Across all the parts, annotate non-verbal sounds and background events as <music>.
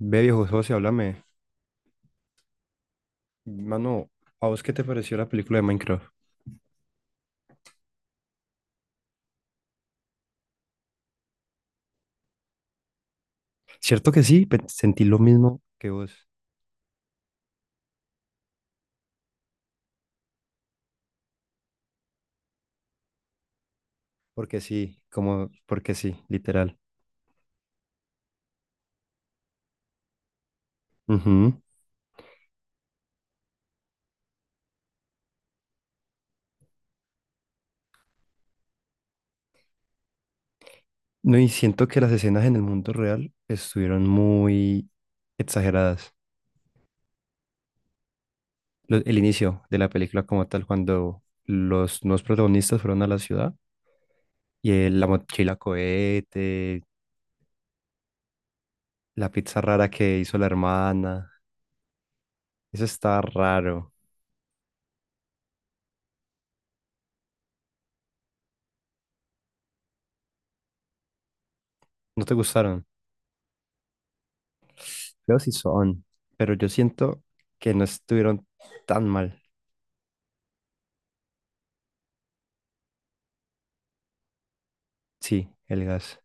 Ve, viejo socio, háblame. Mano, ¿a vos qué te pareció la película de Minecraft? Cierto que sí, sentí lo mismo que vos. Porque sí, como, porque sí, literal. Ujú. No, y siento que las escenas en el mundo real estuvieron muy exageradas. El inicio de la película como tal, cuando los nuevos protagonistas fueron a la ciudad y la mochila cohete, la pizza rara que hizo la hermana, eso está raro. ¿No te gustaron? Creo si son, pero yo siento que no estuvieron tan mal. Sí, el gas,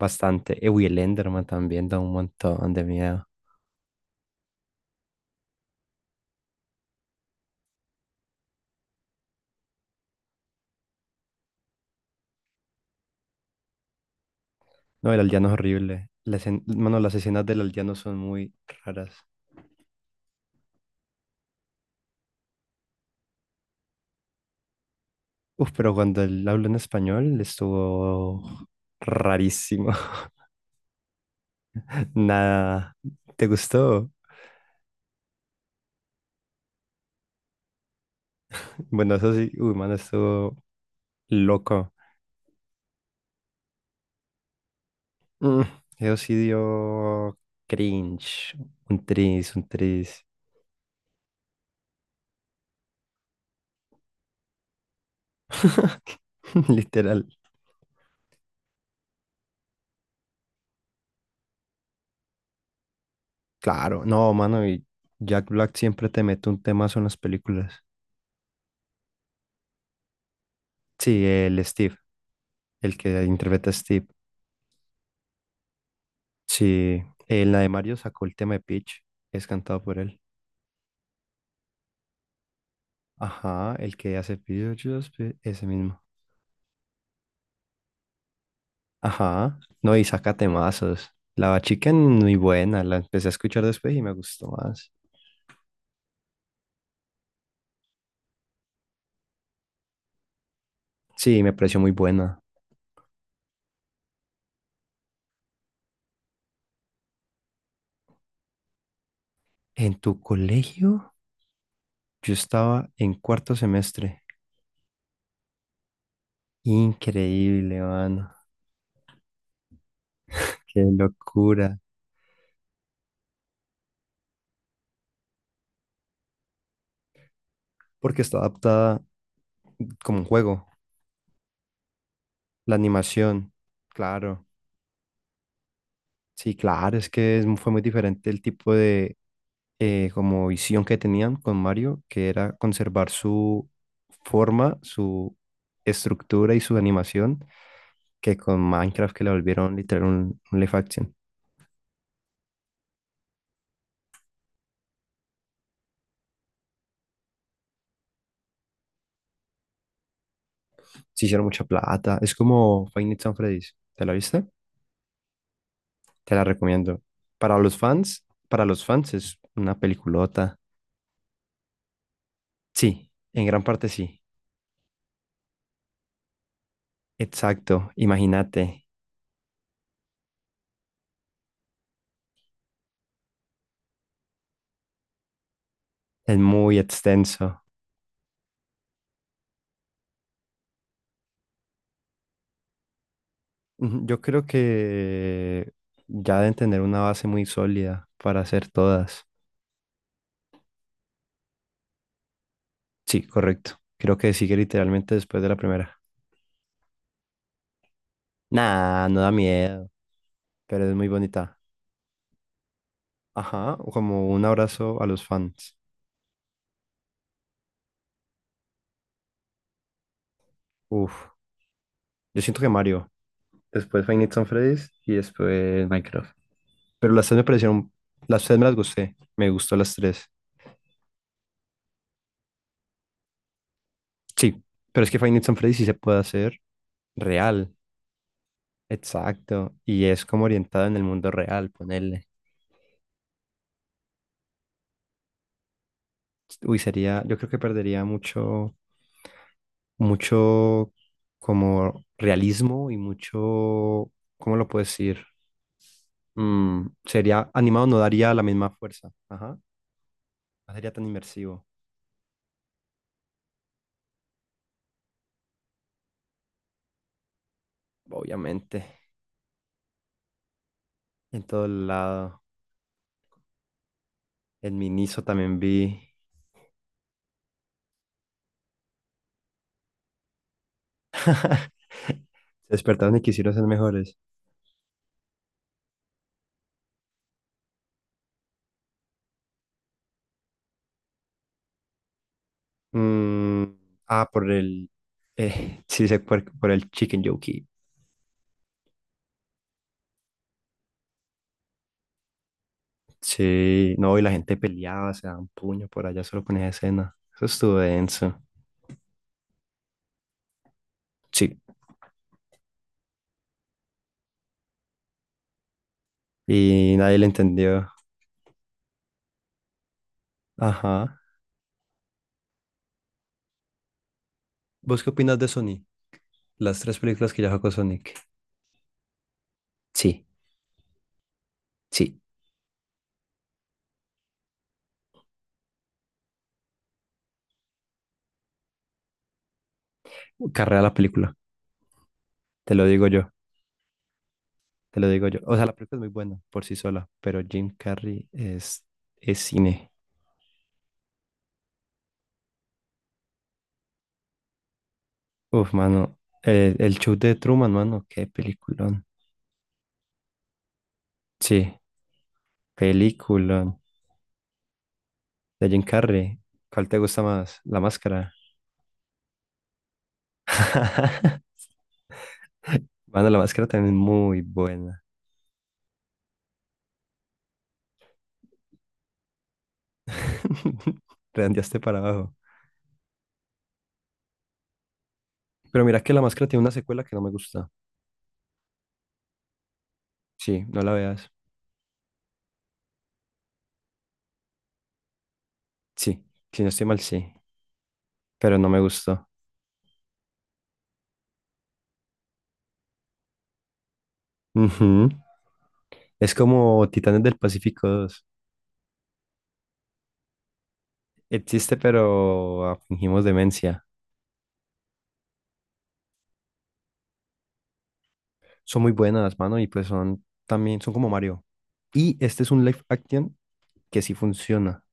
bastante. Uy, el Enderman también da un montón de miedo. No, el aldeano es horrible. Bueno, las escenas del aldeano son muy raras. Uf, pero cuando él habló en español estuvo rarísimo. <laughs> Nada. ¿Te gustó? Bueno, eso sí, uy, mano, estuvo loco. Mm, Eso sí dio cringe. Un tris, un tris. <laughs> <laughs> Literal. Claro, no, mano, y Jack Black siempre te mete un temazo en las películas. Sí, el Steve, el que interpreta a Steve. Sí, en la de Mario sacó el tema de Peach, es cantado por él. Ajá, el que hace Peach, ese mismo. Ajá, no, y saca temazos. La Bad Chicken, muy buena, la empecé a escuchar después y me gustó más. Sí, me pareció muy buena. En tu colegio, yo estaba en cuarto semestre. Increíble, mano. Qué locura. Porque está adaptada como un juego. La animación, claro. Sí, claro, es que fue muy diferente el tipo de como visión que tenían con Mario, que era conservar su forma, su estructura y su animación, que con Minecraft que la volvieron literal un live action. Se hicieron mucha plata. Es como Five Nights at Freddy's. ¿Te la viste? Te la recomiendo. Para los fans es una peliculota. Sí, en gran parte sí. Exacto, imagínate, es muy extenso. Ujú. Yo creo que ya deben tener una base muy sólida para hacer todas. Sí, correcto. Creo que sigue literalmente después de la primera. Nah, no da miedo, pero es muy bonita. Ajá, o como un abrazo a los fans. Uf, yo siento que Mario, después Five Nights at Freddy's y después Minecraft. Pero las tres me parecieron, las tres me las gusté, me gustó las tres. Sí, pero es que Five Nights at Freddy's sí se puede hacer. Real, exacto. Y es como orientado en el mundo real, ponerle. Uy, sería, yo creo que perdería mucho, mucho como realismo y mucho, ¿cómo lo puedo decir? Sería animado, no daría la misma fuerza. Ajá. No sería tan inmersivo, obviamente. En todo el lado. En Miniso también vi. <laughs> Se despertaron y quisieron ser mejores. Mm, ah, <laughs> sí sé por el Chicken Jockey. Sí, no, y la gente peleaba, se daban puños por allá solo con esa escena. Eso estuvo denso. Sí, y nadie le entendió. Ajá. ¿Vos qué opinas de Sonic? Las tres películas que ya sacó Sonic. Sí, sí. Carrea la película, te lo digo yo, te lo digo yo. O sea, la película es muy buena por sí sola, pero Jim Carrey es cine. Uf, mano, el show de Truman, mano, qué peliculón. Sí, película de Jim Carrey. ¿Cuál te gusta más? La máscara. <laughs> Bueno, la máscara también es muy buena. <laughs> Redondeaste para abajo. Pero mira que la máscara tiene una secuela que no me gusta. Sí, no la veas. Sí, si no estoy mal, sí. Pero no me gustó. Ujú. Es como Titanes del Pacífico 2. Existe, pero ah, fingimos demencia. Son muy buenas, mano, y pues son también, son como Mario. Y este es un live action que sí funciona.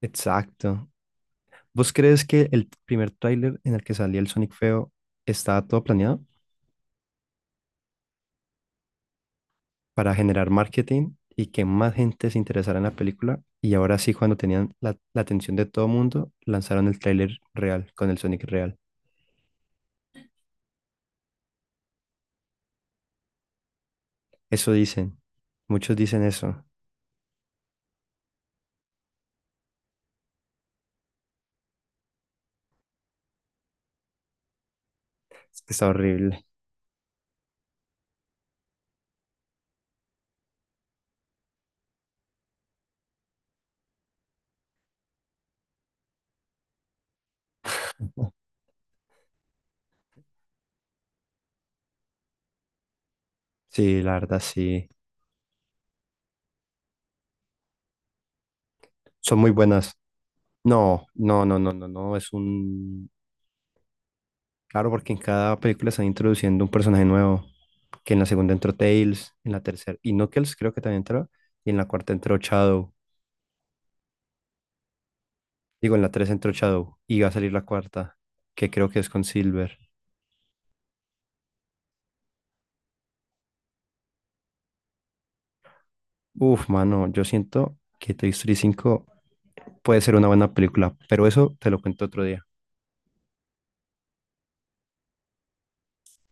Exacto. ¿Vos crees que el primer tráiler en el que salía el Sonic feo estaba todo planeado para generar marketing y que más gente se interesara en la película? Y ahora sí, cuando tenían la atención de todo mundo, lanzaron el tráiler real con el Sonic real. Eso dicen. Muchos dicen eso. Es que está horrible. Sí, la verdad, sí. Son muy buenas. No, no, no, no, no, no. Es un Claro, porque en cada película están introduciendo un personaje nuevo, que en la segunda entró Tails, en la tercera y Knuckles creo que también entró, y en la cuarta entró Shadow, digo, en la tres entró Shadow, y va a salir la cuarta, que creo que es con Silver. Uf, mano, yo siento que Toy Story 5 puede ser una buena película, pero eso te lo cuento otro día.